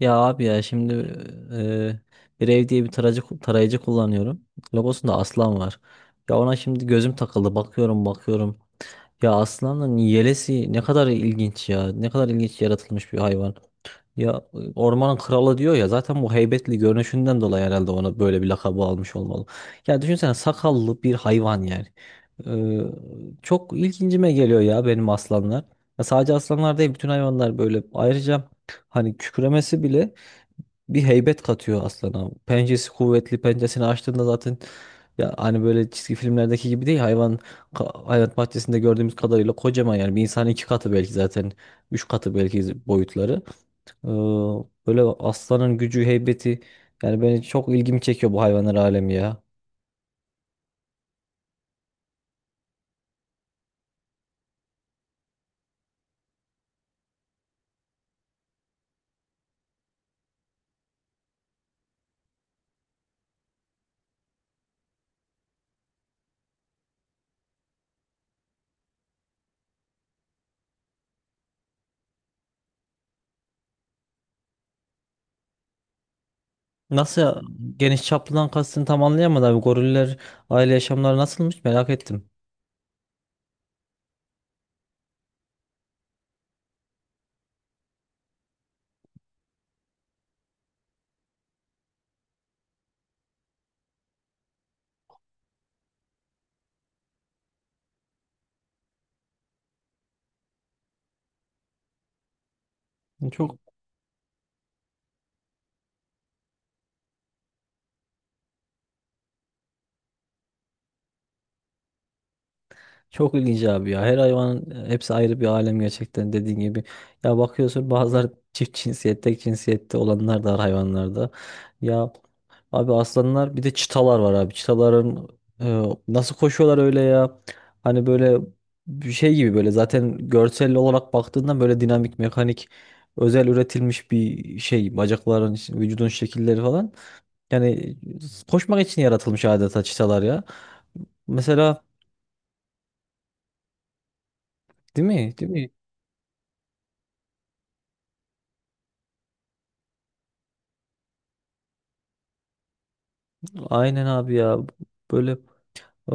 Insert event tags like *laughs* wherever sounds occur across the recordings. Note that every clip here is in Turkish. Ya abi ya şimdi bir ev diye bir tarayıcı, kullanıyorum. Logosunda aslan var. Ya ona şimdi gözüm takıldı. Bakıyorum bakıyorum. Ya aslanın yelesi ne kadar ilginç ya. Ne kadar ilginç yaratılmış bir hayvan. Ya ormanın kralı diyor ya zaten bu heybetli görünüşünden dolayı herhalde ona böyle bir lakabı almış olmalı. Ya düşünsene sakallı bir hayvan yani. Çok ilgincime geliyor ya benim aslanlar. Ya sadece aslanlar değil bütün hayvanlar böyle. Ayrıca hani kükremesi bile bir heybet katıyor aslana. Pençesi kuvvetli, pençesini açtığında zaten ya hani böyle çizgi filmlerdeki gibi değil hayvan, hayvanat bahçesinde gördüğümüz kadarıyla kocaman, yani bir insanın iki katı belki, zaten üç katı belki boyutları. Ee, Böyle aslanın gücü, heybeti, yani beni çok ilgimi çekiyor bu hayvanlar alemi ya. Nasıl ya, geniş çaplıdan kastını tam anlayamadım abi. Goriller aile yaşamları nasılmış merak ettim. Çok Çok ilginç abi ya. Her hayvanın hepsi ayrı bir alem gerçekten dediğin gibi. Ya bakıyorsun bazıları çift cinsiyette, tek cinsiyette olanlar da var hayvanlarda. Ya abi aslanlar, bir de çitalar var abi. Çitaların e, nasıl koşuyorlar öyle ya? Hani böyle bir şey gibi, böyle zaten görsel olarak baktığında böyle dinamik, mekanik, özel üretilmiş bir şey. Bacakların, vücudun şekilleri falan. Yani koşmak için yaratılmış adeta çitalar ya. Mesela değil mi? Değil mi? Aynen abi ya. Böyle e,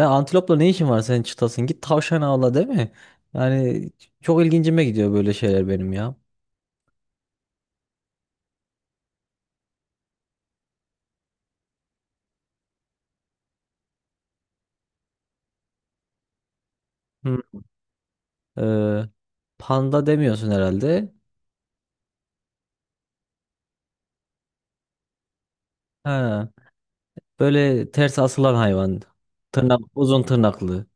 ya antilopla ne işin var senin çıtasın? Git tavşan avla değil mi? Yani çok ilgincime gidiyor böyle şeyler benim ya. Hı. Ee, Panda demiyorsun herhalde. Ha, böyle ters asılan hayvan. Tırnak, uzun tırnaklı.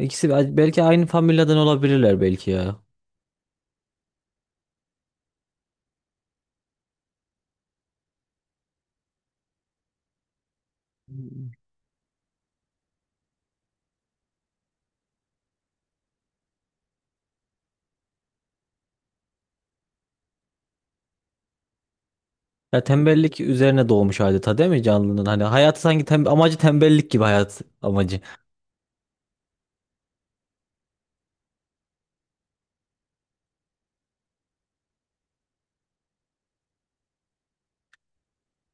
İkisi belki aynı familyadan olabilirler belki ya. Ya tembellik üzerine doğmuş adeta değil mi canlının? Hani hayatı sanki amacı tembellik gibi, hayat amacı.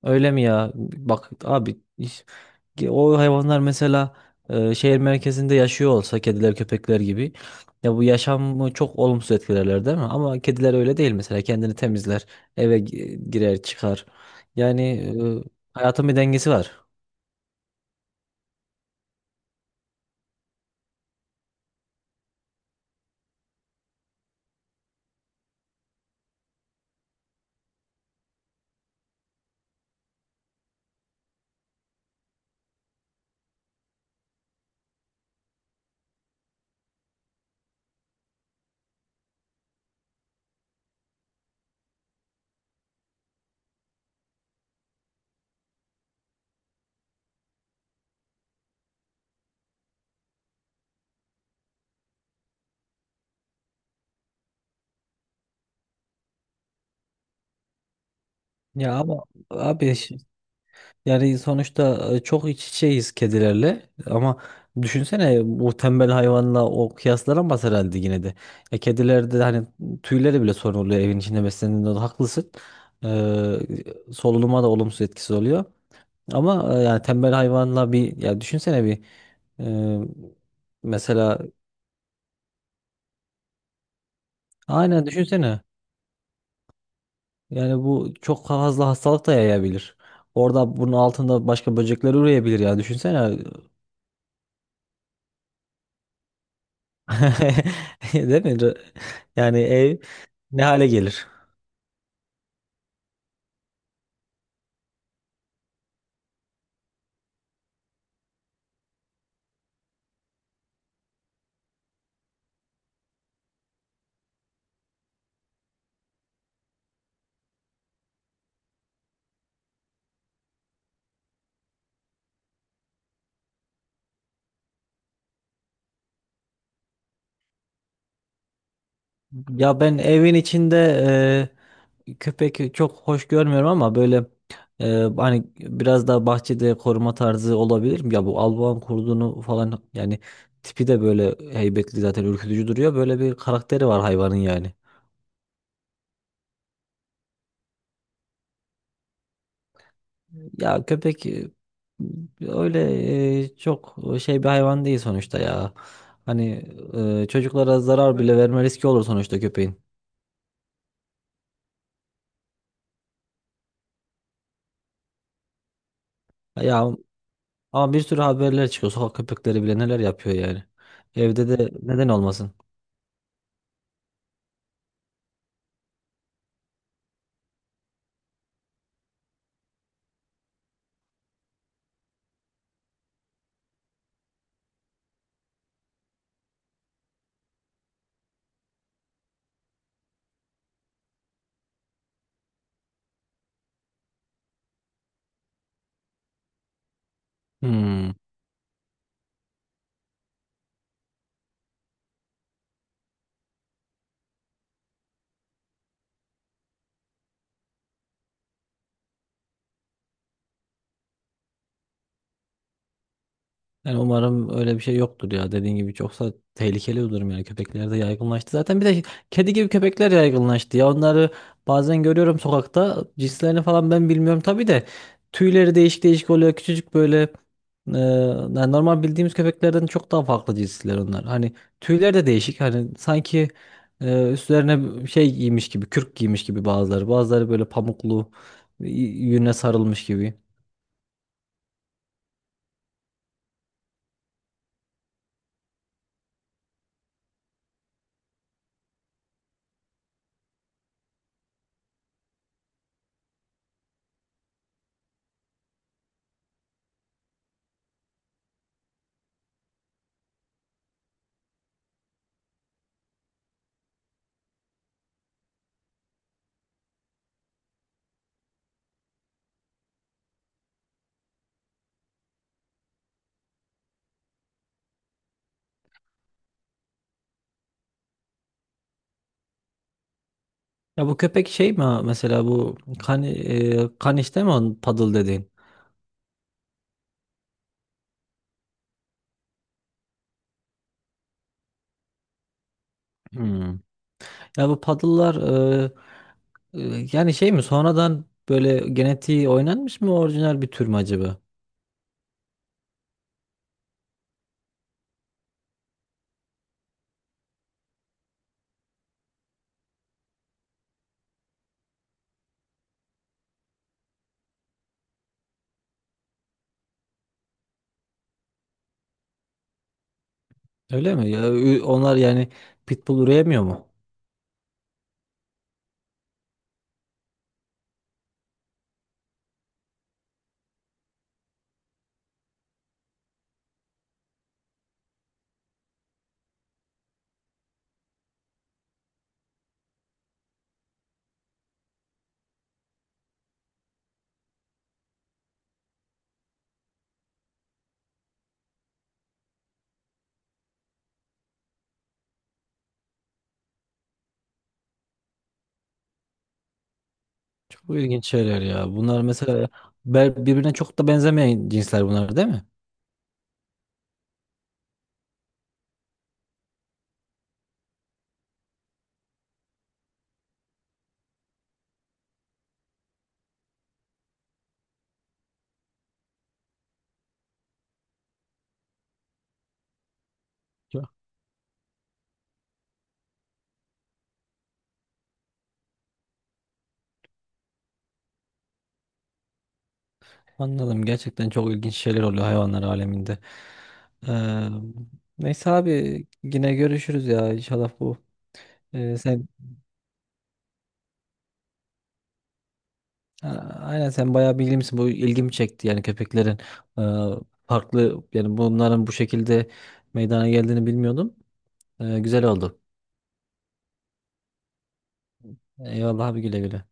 Öyle mi ya? Bak abi, ki o hayvanlar mesela şehir merkezinde yaşıyor olsa kediler köpekler gibi, ya bu yaşamı çok olumsuz etkilerler değil mi? Ama kediler öyle değil mesela, kendini temizler, eve girer çıkar, yani hayatın bir dengesi var. Ya ama abi, yani sonuçta çok iç içeyiz kedilerle, ama düşünsene bu tembel hayvanla o kıyaslanamaz herhalde yine de. Ya kedilerde de hani tüyleri bile sorun oluyor evin içinde beslendiğinde, haklısın. Ee, Solunuma da olumsuz etkisi oluyor. Ama yani tembel hayvanla bir, ya düşünsene bir, e, mesela, aynen düşünsene. Yani bu çok fazla hastalık da yayabilir. Orada bunun altında başka böcekler ürüyebilir ya. Düşünsene. *laughs* Değil mi? Yani ev ne hale gelir? Ya ben evin içinde köpek çok hoş görmüyorum, ama böyle e, hani biraz daha bahçede koruma tarzı olabilir mi? Ya bu Alman kurdunu falan yani, tipi de böyle heybetli zaten, ürkütücü duruyor. Böyle bir karakteri var hayvanın yani. Ya köpek öyle çok şey bir hayvan değil sonuçta ya. Hani çocuklara zarar bile verme riski olur sonuçta köpeğin. Ya ama bir sürü haberler çıkıyor. Sokak köpekleri bile neler yapıyor yani. Evde de neden olmasın? Hmm. Yani umarım öyle bir şey yoktur ya. Dediğin gibi çoksa tehlikeli bir durum yani. Köpekler de yaygınlaştı. Zaten bir de kedi gibi köpekler yaygınlaştı ya. Onları bazen görüyorum sokakta. Cinslerini falan ben bilmiyorum tabii de. Tüyleri değişik değişik oluyor. Küçücük böyle, e, yani normal bildiğimiz köpeklerden çok daha farklı cinsler onlar. Hani tüyler de değişik. Hani sanki üstlerine şey giymiş gibi, kürk giymiş gibi bazıları. Bazıları böyle pamuklu yüne sarılmış gibi. Ya bu köpek şey mi ha? Mesela bu kan, işte mi onun paddle dediğin? Hmm. Ya bu paddle'lar, e, yani şey mi, sonradan böyle genetiği oynanmış mı, orijinal bir tür mü acaba? Öyle mi? Ya, onlar yani pitbull üreyemiyor mu? Çok ilginç şeyler ya. Bunlar mesela birbirine çok da benzemeyen cinsler bunlar değil mi? Çok. Anladım. Gerçekten çok ilginç şeyler oluyor hayvanlar aleminde. Ee, Neyse abi, yine görüşürüz ya inşallah bu. Ee, sen Ha, Aynen, sen bayağı bilgili misin? Bu ilgimi çekti, yani köpeklerin e, farklı, yani bunların bu şekilde meydana geldiğini bilmiyordum. E, güzel oldu. Eyvallah abi, güle güle.